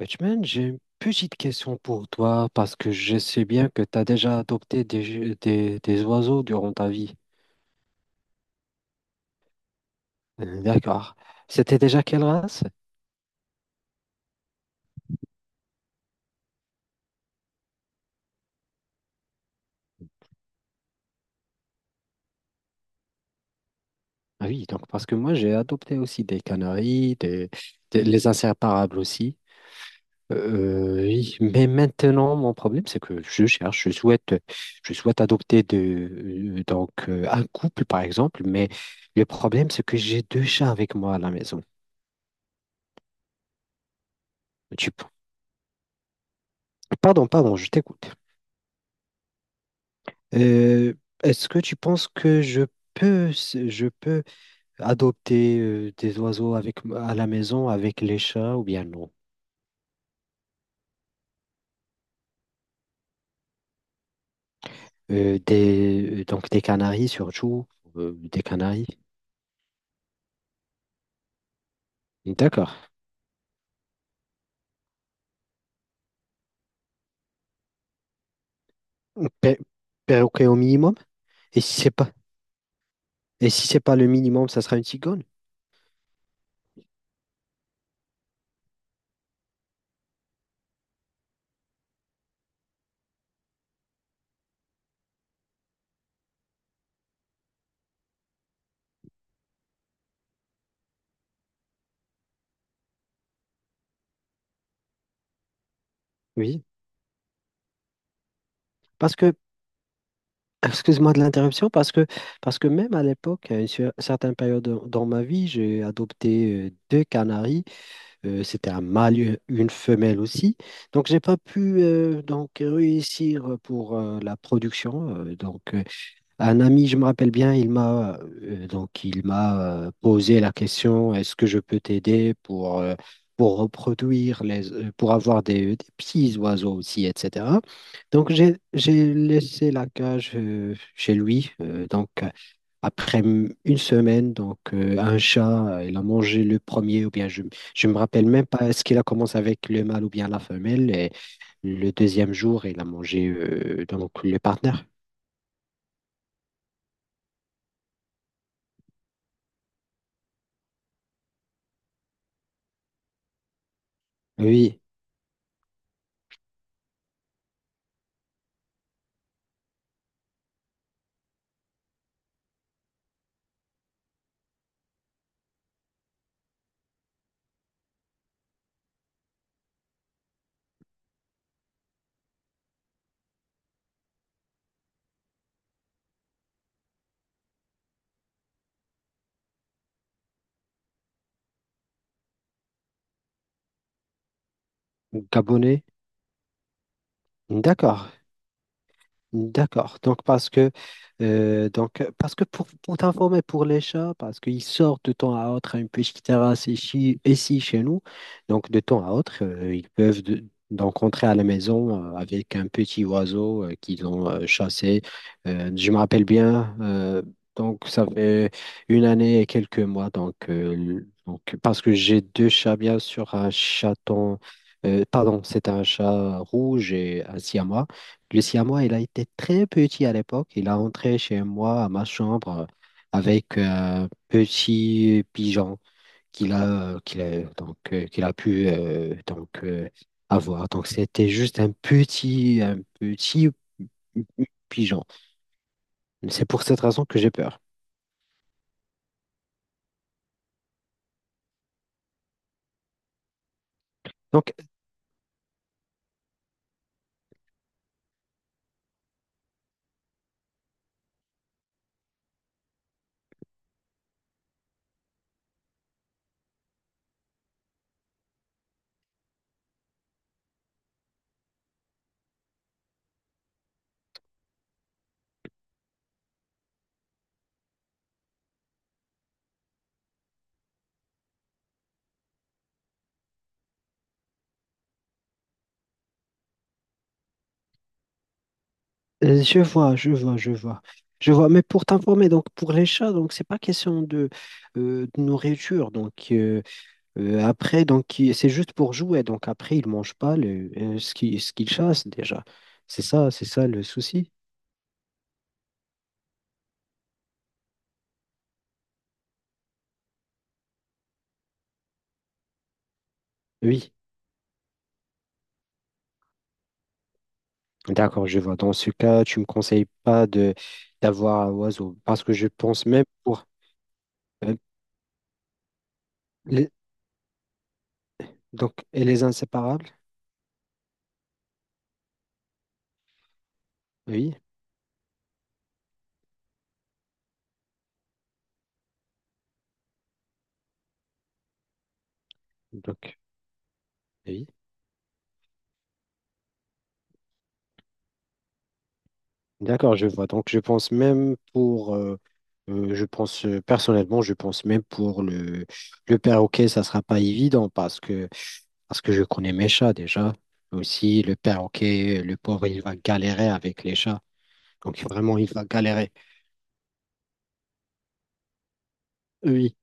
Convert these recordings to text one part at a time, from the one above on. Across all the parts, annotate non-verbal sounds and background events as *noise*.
Batman, j'ai une petite question pour toi parce que je sais bien que tu as déjà adopté des oiseaux durant ta vie. D'accord. C'était déjà quelle race? Ah oui, donc parce que moi j'ai adopté aussi des canaris, les inséparables aussi. Euh, oui, mais maintenant mon problème c'est que je souhaite adopter de, un couple par exemple, mais le problème c'est que j'ai deux chats avec moi à la maison. Tu- pardon, pardon, je t'écoute. Euh, est-ce que tu penses que je je peux adopter des oiseaux avec, à la maison avec les chats ou bien non? Donc des canaris surtout, des canaris. D'accord. Pe- Perroquet au minimum? Et si c'est pas, et si c'est pas le minimum, ça sera une cigogne? Oui, parce que, *clears throat* excuse-moi de l'interruption, parce que même à l'époque, à certaine période dans ma vie, j'ai adopté deux canaris. C'était un mâle, et une femelle aussi. Donc, j'ai pas pu donc réussir pour la production. Un ami, je me rappelle bien, il m'a posé la question, est-ce que je peux t'aider pour reproduire les pour avoir des petits oiseaux aussi, etc. Donc j'ai laissé la cage chez lui. Une semaine, un chat, il a mangé le premier ou bien je me rappelle même pas est-ce qu'il a commencé avec le mâle ou bien la femelle, et le deuxième jour il a mangé donc le partenaire. Oui. Gabonais? D'accord. D'accord. Donc parce que pour t'informer pour les chats, parce qu'ils sortent de temps à autre à une petite terrasse ici, ici chez nous, donc de temps à autre, ils peuvent donc rentrer à la maison avec un petit oiseau qu'ils ont chassé. Je me rappelle bien, donc ça fait une année et quelques mois. Donc parce que j'ai deux chats, bien sûr, un chaton, pardon, c'est un chat rouge et un siamois. Le moi, il a été très petit à l'époque. Il a entré chez moi, à ma chambre, avec un petit pigeon qu'il a, qu'il a pu avoir. Donc, c'était juste un petit pigeon. C'est pour cette raison que j'ai peur. Donc, je vois, je vois, je vois. Je vois, mais pour t'informer, donc pour les chats, donc c'est pas question de nourriture. Donc, c'est juste pour jouer. Donc, après, ils mangent pas ce qu'ils chassent déjà. C'est ça le souci. Oui, d'accord, je vois. Dans ce cas, tu me conseilles pas de d'avoir un oiseau parce que je pense même pour euh, les, donc et les inséparables. Oui, donc oui, d'accord, je vois. Donc, je pense même pour je pense personnellement, je pense même pour le perroquet, ça sera pas évident parce que parce que je connais mes chats déjà. Aussi, le perroquet, le pauvre, il va galérer avec les chats. Donc, vraiment, il va galérer. Oui,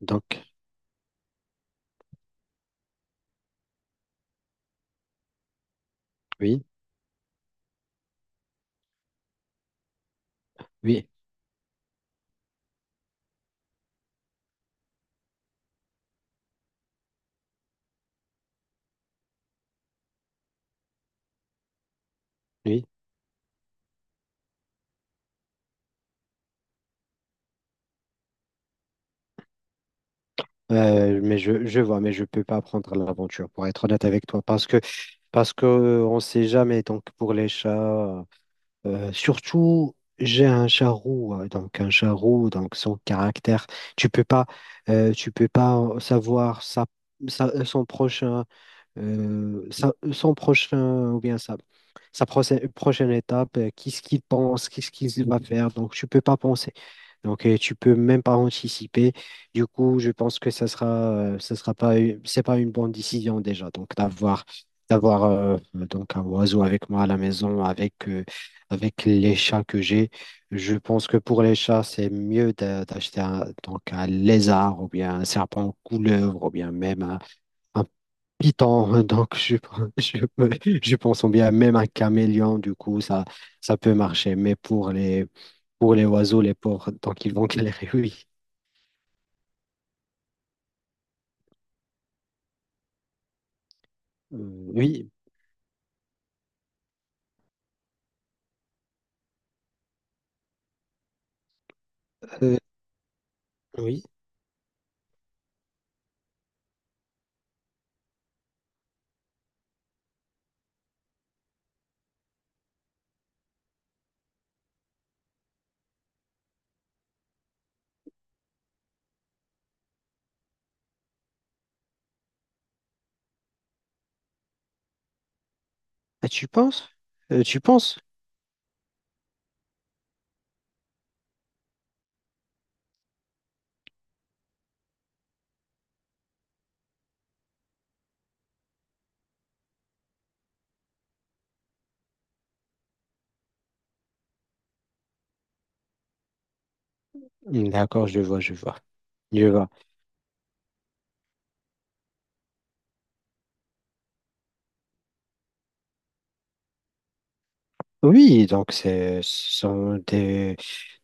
donc, oui, oui, oui. Mais je vois, mais je peux pas prendre l'aventure, pour être honnête avec toi. Parce que, on sait jamais. Donc, pour les chats, surtout, j'ai un chat roux. Donc, un chat roux, donc son caractère. Tu peux pas, Tu peux pas savoir son prochain. Son prochain ou bien sa prochaine étape, qu'est-ce qu'il pense, qu'est-ce qu'il va faire. Donc, tu peux pas penser. Tu peux même pas anticiper. Du coup, je pense que ça sera pas, c'est pas une bonne décision déjà. D'avoir donc un oiseau avec moi à la maison, avec les chats que j'ai. Je pense que pour les chats, c'est mieux d'acheter donc un lézard ou bien un serpent couleur ou bien même un python, *laughs* je pense bien même un caméléon, du coup, ça peut marcher. Mais pour pour les oiseaux, les porcs, donc ils vont *laughs* galérer, oui. Oui, euh, oui. Ah, tu penses? Tu penses? D'accord, je vois, je vois. Je vois. Oui, donc ce sont des,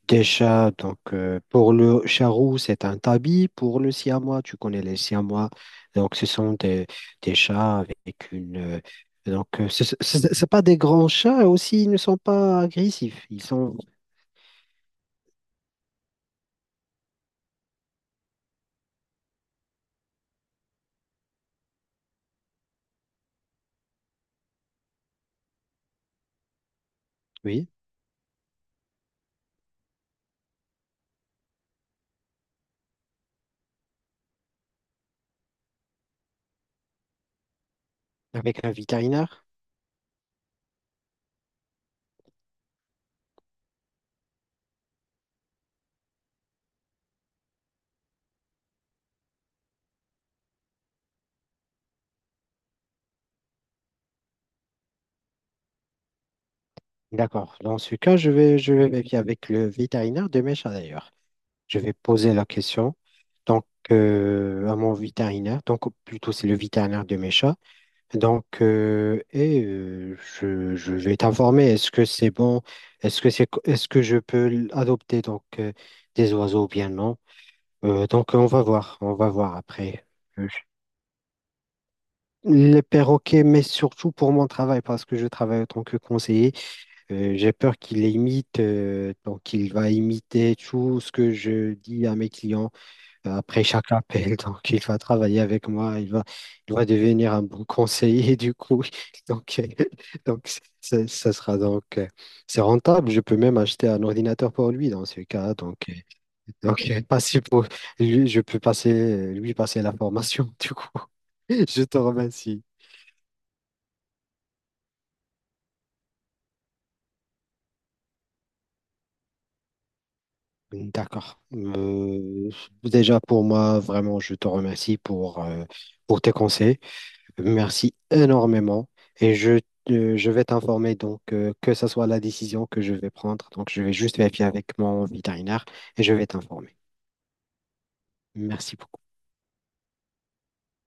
Des chats, donc pour le chat roux, c'est un tabi. Pour le siamois, tu connais les siamois. Donc, ce sont des chats avec une. Ce n'est pas des grands chats aussi, ils ne sont pas agressifs. Ils sont. Oui, avec un vétérinaire. D'accord. Dans ce cas, je vais vérifier avec le vétérinaire de mes chats d'ailleurs. Je vais poser la question donc, à mon vétérinaire. Donc, plutôt, c'est le vétérinaire de mes chats. Je vais t'informer, est-ce que c'est bon, est-ce que je peux adopter des oiseaux ou bien non? On va voir, on va voir après. Euh, Les perroquets, mais surtout pour mon travail, parce que je travaille en tant que conseiller, j'ai peur qu'il imite, donc il va imiter tout ce que je dis à mes clients. Après chaque appel, donc il va travailler avec moi, il va devenir un bon conseiller du coup. *laughs* Donc, euh, donc, ça sera c'est rentable. Je peux même acheter un ordinateur pour lui dans ce cas. Donc euh, passer pour je peux passer lui passer la formation *laughs* du coup. Je te remercie. D'accord. Déjà pour moi, vraiment, je te remercie pour tes conseils. Merci énormément. Et je vais t'informer donc que ce soit la décision que je vais prendre. Donc, je vais juste vérifier avec mon vétérinaire et je vais t'informer. Merci beaucoup.